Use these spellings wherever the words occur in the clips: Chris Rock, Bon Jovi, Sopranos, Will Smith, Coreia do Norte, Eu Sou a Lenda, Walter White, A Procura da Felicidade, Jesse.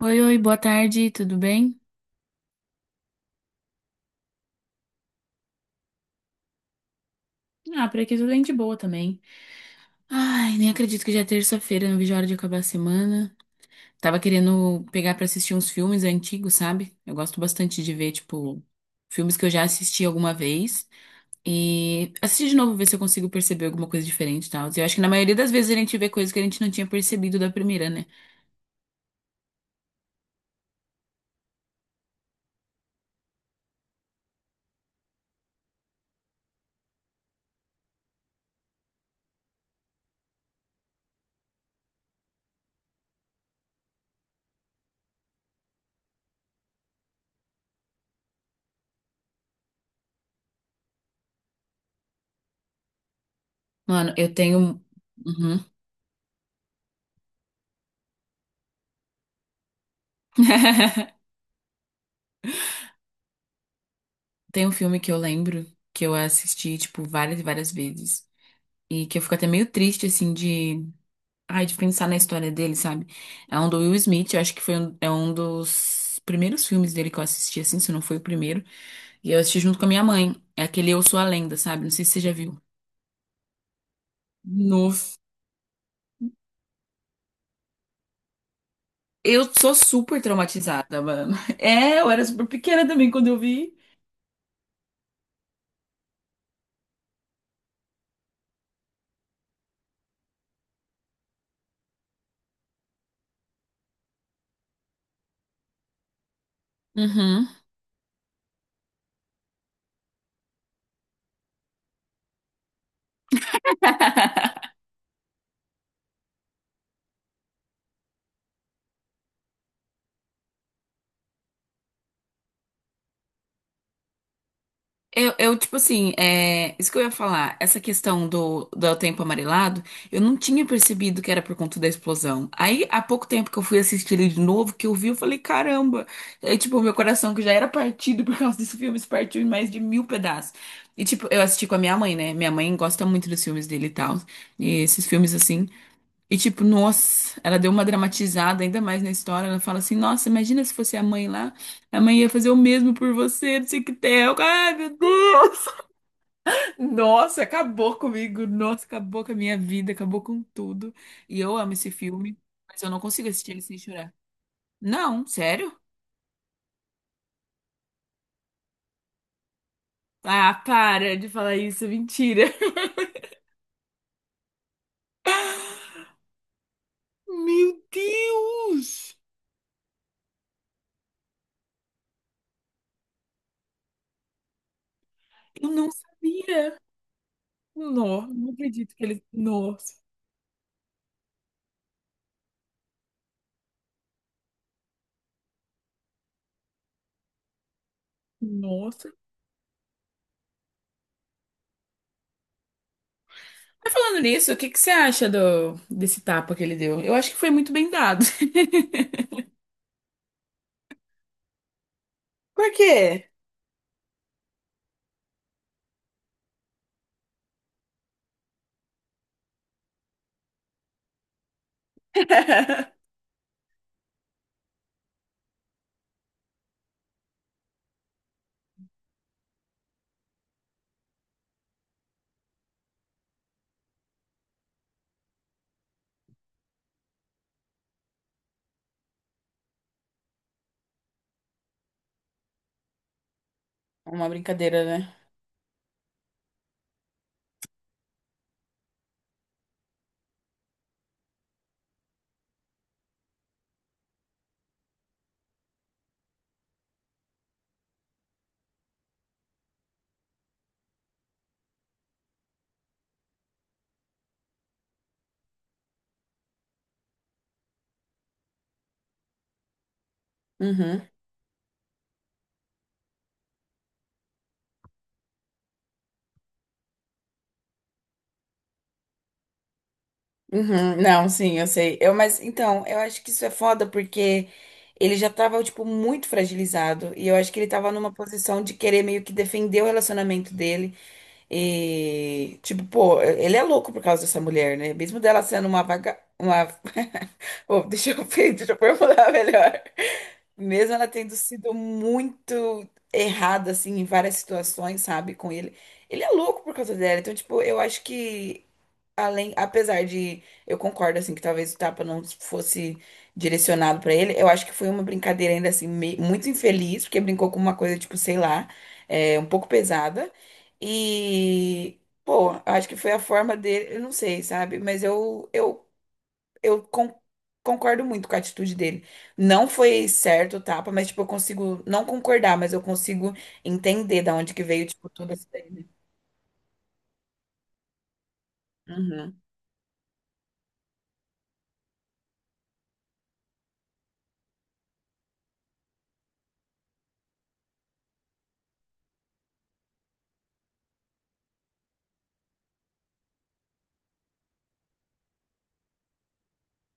Oi, oi, boa tarde, tudo bem? Ah, por aqui tudo bem de boa também. Ai, nem acredito que já é terça-feira, não vejo a hora de acabar a semana. Tava querendo pegar pra assistir uns filmes antigos, sabe? Eu gosto bastante de ver, tipo, filmes que eu já assisti alguma vez e assistir de novo, ver se eu consigo perceber alguma coisa diferente e tal. Eu acho que na maioria das vezes a gente vê coisas que a gente não tinha percebido da primeira, né? Mano, eu tenho. Uhum. Tem um filme que eu lembro que eu assisti, tipo, várias e várias vezes. E que eu fico até meio triste, assim, de. Ai, de pensar na história dele, sabe? É um do Will Smith, eu acho que foi um, é um dos primeiros filmes dele que eu assisti, assim, se não foi o primeiro. E eu assisti junto com a minha mãe. É aquele Eu Sou a Lenda, sabe? Não sei se você já viu. Nossa. Eu sou super traumatizada, mano. É, eu era super pequena também quando eu vi. Uhum. Tipo assim, é, isso que eu ia falar, essa questão do tempo amarelado, eu não tinha percebido que era por conta da explosão. Aí, há pouco tempo que eu fui assistir ele de novo, que eu vi, eu falei, caramba! Aí, tipo, meu coração que já era partido por causa desse filme, se partiu em mais de mil pedaços. E, tipo, eu assisti com a minha mãe, né? Minha mãe gosta muito dos filmes dele e tal. E esses filmes, assim. E tipo, nossa, ela deu uma dramatizada ainda mais na história. Ela fala assim: nossa, imagina se fosse a mãe lá. A mãe ia fazer o mesmo por você, não sei o que tem. Ai, meu Deus! Nossa, acabou comigo. Nossa, acabou com a minha vida, acabou com tudo. E eu amo esse filme, mas eu não consigo assistir ele sem chorar. Não, sério? Ah, para de falar isso, mentira. Meu Deus! Eu não sabia. Não, não acredito que ele. Nossa, nossa. Mas falando nisso, o que que você acha desse tapa que ele deu? Eu acho que foi muito bem dado. Por quê? é uma brincadeira, né? Uhum, uhum. Não, sim, eu sei. Mas então, eu acho que isso é foda porque ele já tava, tipo, muito fragilizado. E eu acho que ele tava numa posição de querer meio que defender o relacionamento dele. E, tipo, pô, ele é louco por causa dessa mulher, né? Mesmo dela sendo uma vaga, uma. Pô, deixa eu formular melhor. Mesmo ela tendo sido muito errada, assim, em várias situações, sabe, com ele. Ele é louco por causa dela. Então, tipo, eu acho que, além, apesar de. Eu concordo, assim, que talvez o tapa não fosse direcionado pra ele, eu acho que foi uma brincadeira ainda, assim, muito infeliz, porque brincou com uma coisa, tipo, sei lá, é, um pouco pesada. E. Pô, eu acho que foi a forma dele, eu não sei, sabe? Mas eu con- concordo muito com a atitude dele. Não foi certo o tapa, mas, tipo, eu consigo não concordar, mas eu consigo entender da onde que veio, tipo, tudo isso daí, né? Uhum.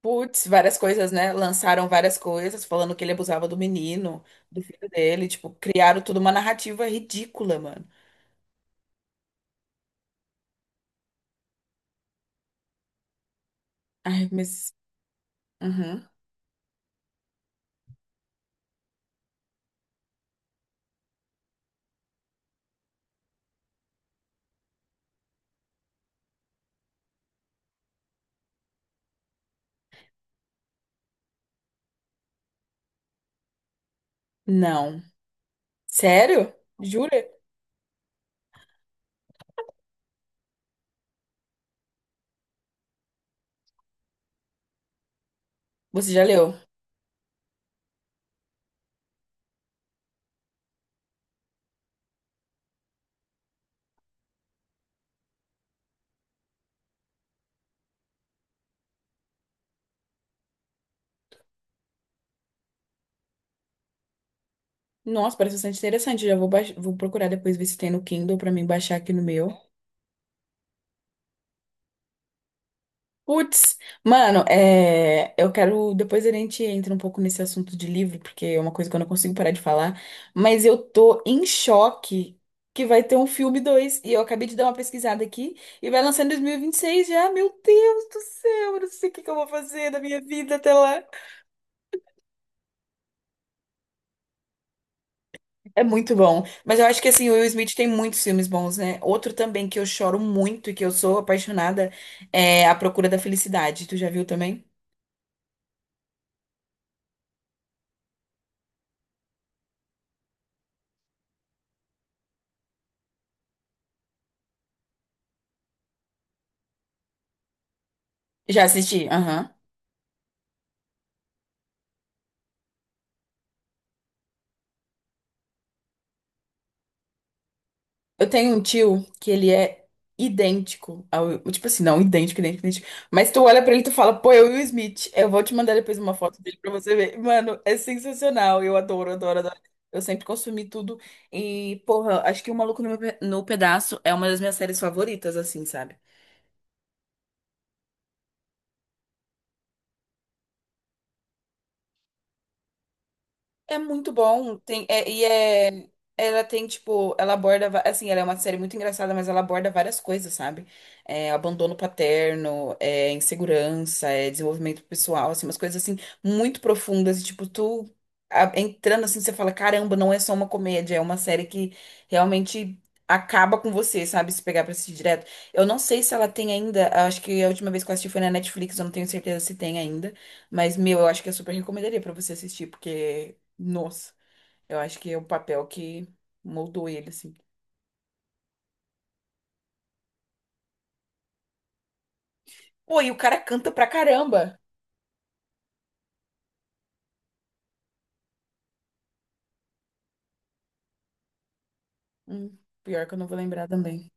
Putz, várias coisas, né? Lançaram várias coisas falando que ele abusava do menino, do filho dele, tipo, criaram toda uma narrativa ridícula, mano. Ai, mas. Uhum. Não. Sério? Jura? Você já leu? Nossa, parece bastante interessante. Vou procurar depois ver se tem no Kindle pra mim baixar aqui no meu. Putz, mano, é, eu quero. Depois a gente entra um pouco nesse assunto de livro, porque é uma coisa que eu não consigo parar de falar. Mas eu tô em choque que vai ter um filme dois, e eu acabei de dar uma pesquisada aqui e vai lançar em 2026 já. Meu Deus do céu, eu não sei o que que eu vou fazer da minha vida até lá. É muito bom. Mas eu acho que assim, o Will Smith tem muitos filmes bons, né? Outro também que eu choro muito e que eu sou apaixonada é A Procura da Felicidade. Tu já viu também? Já assisti? Aham. Eu tenho um tio que ele é idêntico ao. Tipo assim, não, idêntico, idêntico, idêntico. Mas tu olha pra ele e tu fala, pô, eu o Will Smith. Eu vou te mandar depois uma foto dele pra você ver. Mano, é sensacional. Eu adoro, adoro, adoro. Eu sempre consumi tudo. E, porra, acho que O Maluco no, no Pedaço é uma das minhas séries favoritas, assim, sabe? É muito bom. Tem, e é. Ela tem, tipo, ela aborda. Assim, ela é uma série muito engraçada, mas ela aborda várias coisas, sabe? É, abandono paterno, é insegurança, é desenvolvimento pessoal, assim, umas coisas assim, muito profundas. E, tipo, tu entrando assim, você fala, caramba, não é só uma comédia, é uma série que realmente acaba com você, sabe? Se pegar pra assistir direto. Eu não sei se ela tem ainda, acho que a última vez que eu assisti foi na Netflix, eu não tenho certeza se tem ainda. Mas, meu, eu acho que eu super recomendaria pra você assistir, porque nossa, eu acho que é o papel que moldou ele, assim. Pô, e o cara canta pra caramba. Hum, Pior que eu não vou lembrar também.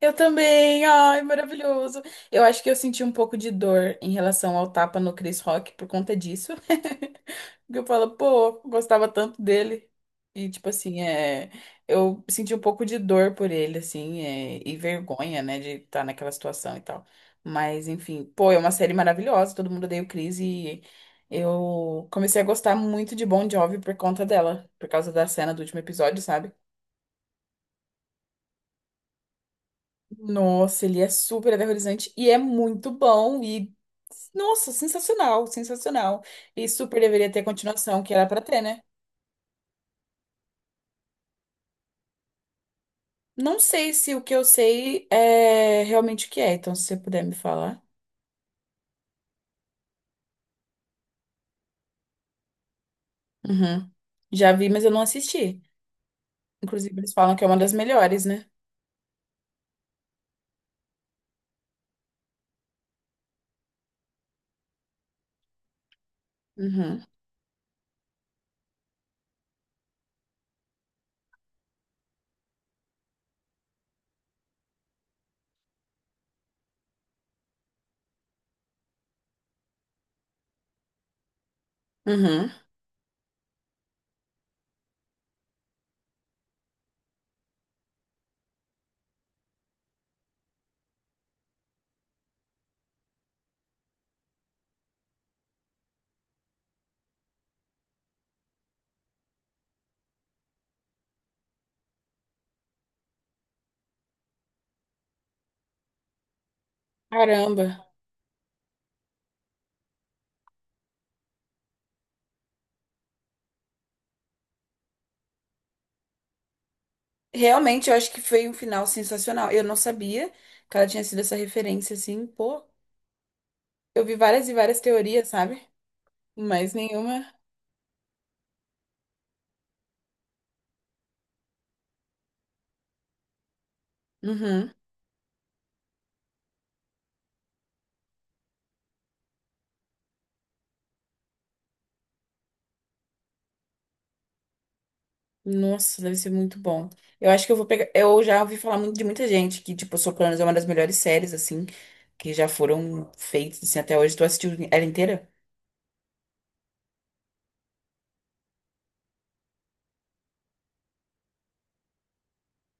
Eu também, ai, maravilhoso. Eu acho que eu senti um pouco de dor em relação ao tapa no Chris Rock por conta disso. Porque eu falo, pô, eu gostava tanto dele. E, tipo assim, é, eu senti um pouco de dor por ele, assim, é, e vergonha, né, de estar naquela situação e tal. Mas, enfim, pô, é uma série maravilhosa, todo mundo odeia o Chris e eu comecei a gostar muito de Bon Jovi por conta dela, por causa da cena do último episódio, sabe? Nossa, ele é super aterrorizante e é muito bom e, nossa, sensacional, sensacional. E super deveria ter continuação, que era pra ter, né? Não sei se o que eu sei é realmente o que é, então se você puder me falar. Uhum. Já vi, mas eu não assisti. Inclusive, eles falam que é uma das melhores, né? Uhum. Uhum. Caramba. Realmente, eu acho que foi um final sensacional. Eu não sabia que ela tinha sido essa referência, assim, pô. Eu vi várias e várias teorias, sabe? Mas nenhuma. Uhum. Nossa, deve ser muito bom. Eu acho que eu vou pegar. Eu já ouvi falar muito de muita gente que, tipo, Sopranos é uma das melhores séries, assim, que já foram feitas, assim, até hoje. Tu assistiu ela inteira?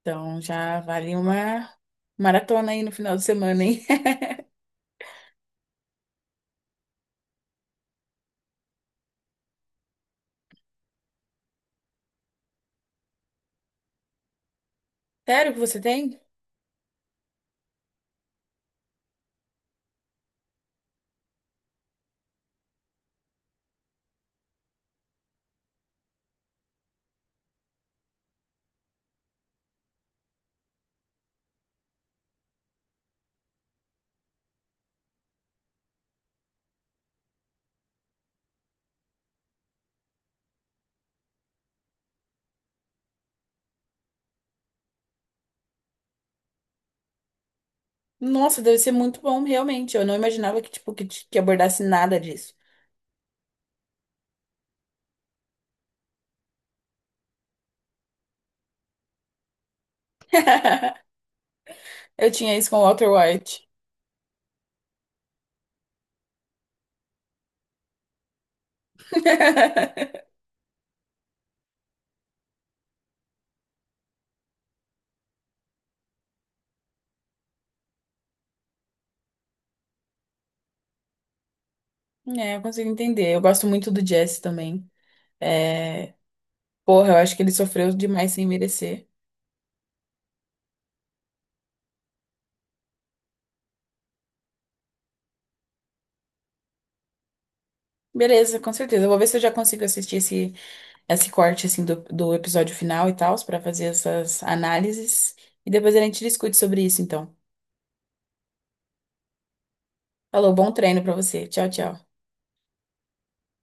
Então já vale uma maratona aí no final de semana, hein? Sério que você tem? Nossa, deve ser muito bom, realmente. Eu não imaginava que, tipo, que abordasse nada disso. Eu tinha isso com o Walter White. É, eu consigo entender. Eu gosto muito do Jesse também. É... Porra, eu acho que ele sofreu demais sem merecer. Beleza, com certeza. Eu vou ver se eu já consigo assistir esse corte assim do episódio final e tal, pra fazer essas análises. E depois a gente discute sobre isso, então. Falou, bom treino pra você. Tchau, tchau.